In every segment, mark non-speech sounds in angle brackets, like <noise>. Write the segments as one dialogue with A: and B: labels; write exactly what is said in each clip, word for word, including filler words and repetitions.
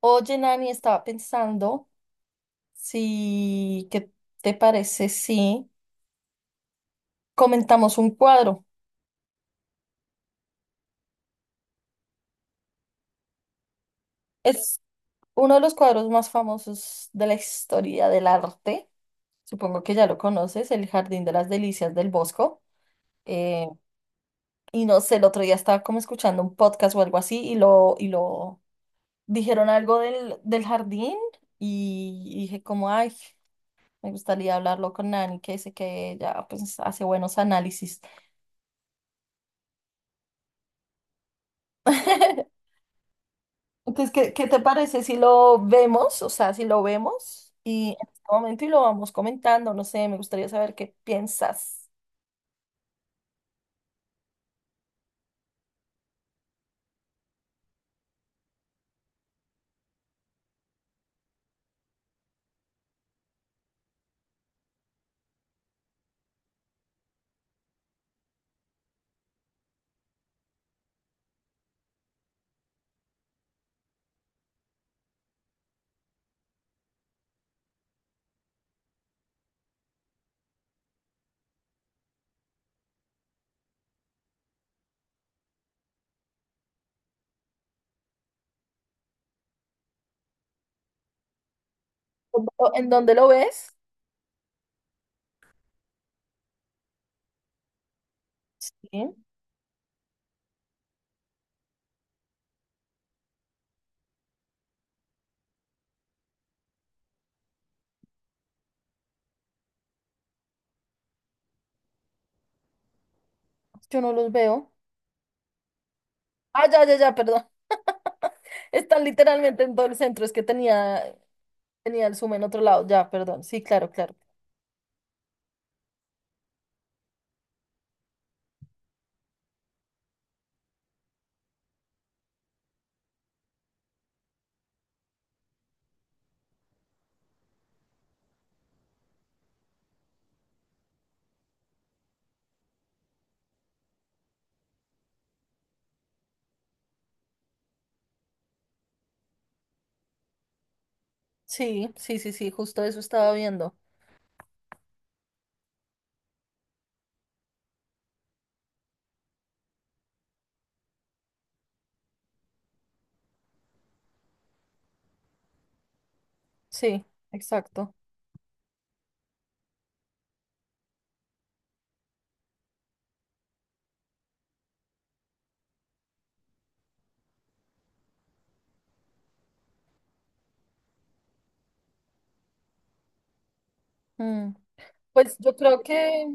A: Oye, Nani, estaba pensando si, ¿qué te parece si comentamos un cuadro? Es uno de los cuadros más famosos de la historia del arte. Supongo que ya lo conoces, El Jardín de las Delicias del Bosco. Eh, y no sé, el otro día estaba como escuchando un podcast o algo así y lo, y lo dijeron algo del, del jardín y dije como, ay, me gustaría hablarlo con Nani, que dice que ella pues hace buenos análisis. <laughs> Entonces, ¿qué, qué te parece si lo vemos? O sea, si lo vemos y en este momento y lo vamos comentando, no sé, me gustaría saber qué piensas. ¿En dó- en dónde lo ves? Sí, yo no los veo. Ah, ya, ya, ya, perdón. <laughs> Están literalmente en todo el centro, es que tenía, tenía el zoom en otro lado, ya, perdón. Sí, claro, claro. Sí, sí, sí, sí, justo eso estaba viendo. Sí, exacto. Mm. Pues yo creo que,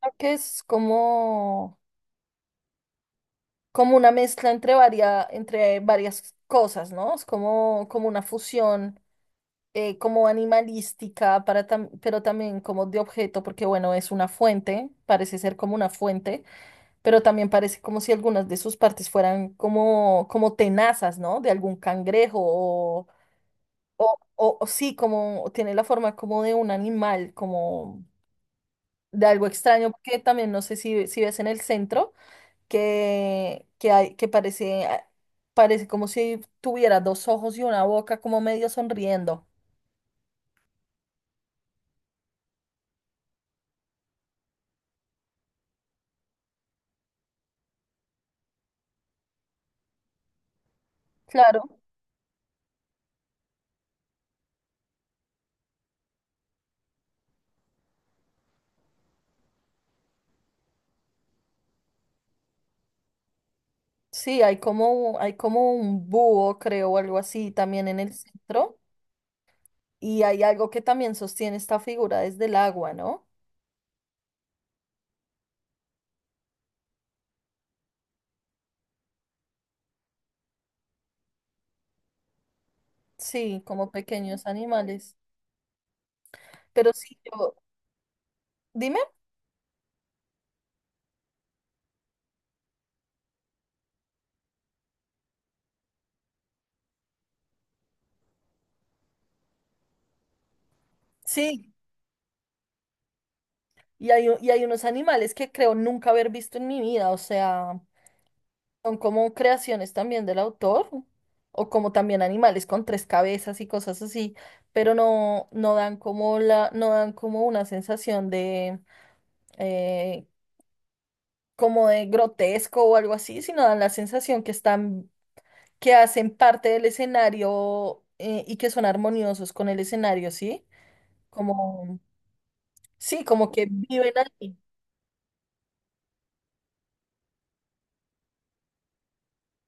A: Creo que es como como una mezcla entre, varia- entre varias cosas, ¿no? Es como, como una fusión, eh, como animalística, para tam- pero también como de objeto, porque bueno, es una fuente, parece ser como una fuente, pero también parece como si algunas de sus partes fueran como, como tenazas, ¿no? De algún cangrejo o, o, o- o sí, como tiene la forma como de un animal, como de algo extraño, porque también no sé si, si ves en el centro que, que, hay, que parece, parece como si tuviera dos ojos y una boca como medio sonriendo. Claro. Sí, hay como, hay como un búho, creo, o algo así también en el centro. Y hay algo que también sostiene esta figura desde el agua, ¿no? Sí, como pequeños animales. Pero sí, yo, dime, sí. Y hay, u- y hay unos animales que creo nunca haber visto en mi vida, o sea. Son como creaciones también del autor, o como también animales con tres cabezas y cosas así, pero no, no dan como la, no dan como una sensación de eh, como de grotesco o algo así, sino dan la sensación que están, que hacen parte del escenario, eh, y que son armoniosos con el escenario, ¿sí? Como, sí, como que viven ahí.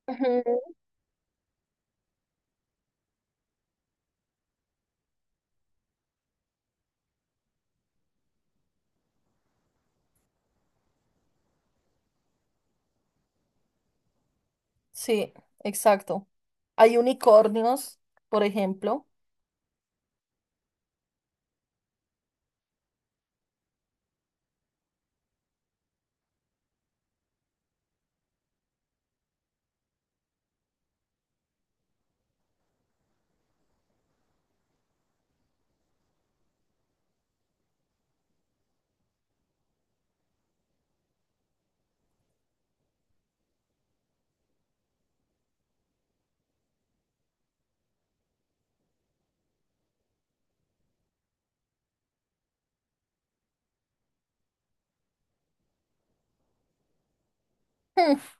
A: Ujú. Sí, exacto. Hay unicornios, por ejemplo. <laughs>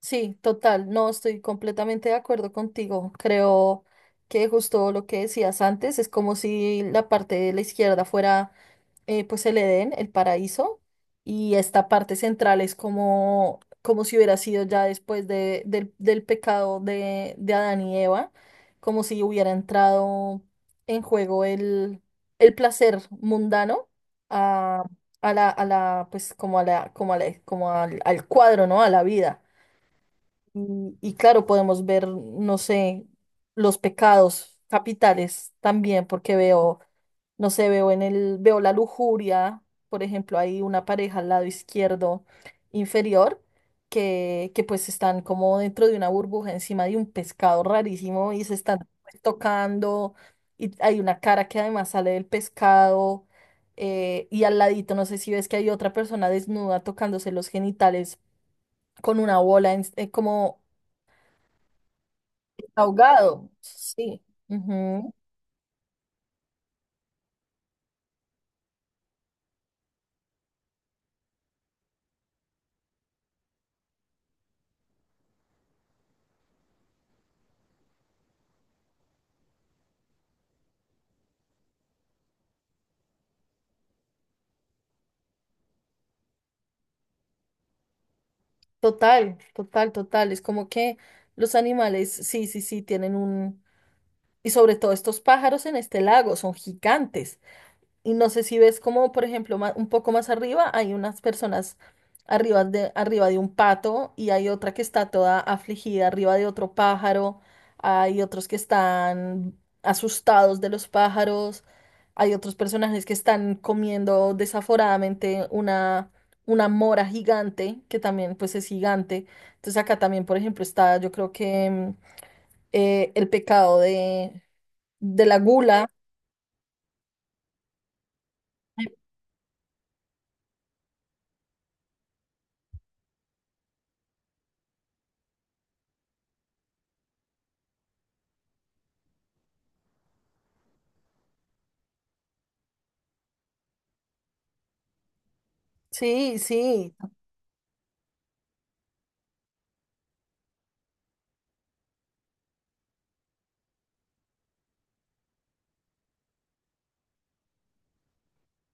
A: Sí, total, no estoy completamente de acuerdo contigo. Creo que justo lo que decías antes es como si la parte de la izquierda fuera eh, pues el Edén, el paraíso, y esta parte central es como, como si hubiera sido ya después de, del, del pecado de, de Adán y Eva, como si hubiera entrado en juego el, el placer mundano a, a la, a la, pues como a la, como a la- como al al cuadro, ¿no? A la vida. Y, y claro, podemos ver, no sé, los pecados capitales también, porque veo, no sé, veo en el, veo la lujuria, por ejemplo, hay una pareja al lado izquierdo inferior que, que pues están como dentro de una burbuja encima de un pescado rarísimo y se están pues, tocando y hay una cara que además sale del pescado, eh, y al ladito, no sé si ves que hay otra persona desnuda tocándose los genitales con una bola en- eh, como... Ahogado, sí. Ujú. Total, total, total. Es como que los animales, sí, sí, sí, tienen un... Y sobre todo estos pájaros en este lago son gigantes. Y no sé si ves como, por ejemplo, ma- un poco más arriba hay unas personas arriba de, arriba de un pato y hay otra que está toda afligida arriba de otro pájaro. Hay otros que están asustados de los pájaros. Hay otros personajes que están comiendo desaforadamente una, una mora gigante, que también pues es gigante. Entonces acá también, por ejemplo, está yo creo que mm, eh, el pecado de, de la gula. Sí, sí.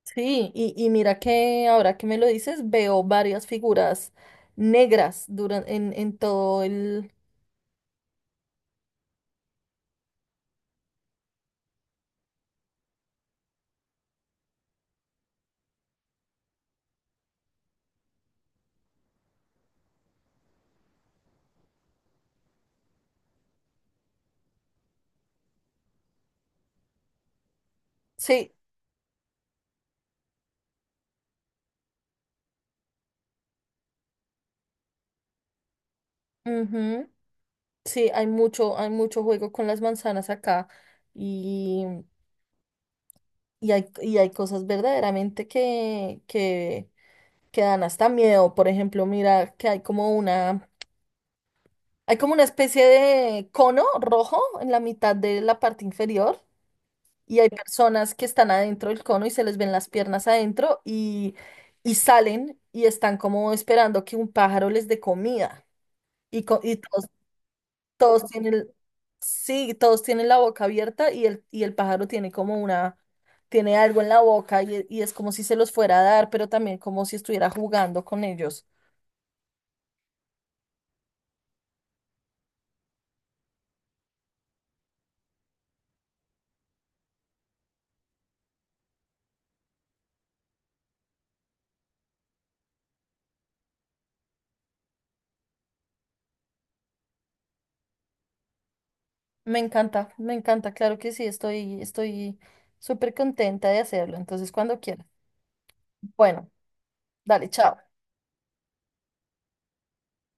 A: Sí, y, y mira que ahora que me lo dices, veo varias figuras negras duran en, en todo el... Sí, ujú. Sí, hay mucho, hay mucho juego con las manzanas acá y, y hay, y hay cosas verdaderamente que, que, que dan hasta miedo. Por ejemplo, mira que hay como una, hay como una especie de cono rojo en la mitad de la parte inferior. Y hay personas que están adentro del cono y se les ven las piernas adentro y, y salen y están como esperando que un pájaro les dé comida. Y, co- y todos, todos tienen, sí, todos tienen la boca abierta y el, y el pájaro tiene como una, tiene algo en la boca y, y es como si se los fuera a dar, pero también como si estuviera jugando con ellos. Me encanta, me encanta, claro que sí, estoy, estoy súper contenta de hacerlo. Entonces, cuando quieras. Bueno, dale, chao.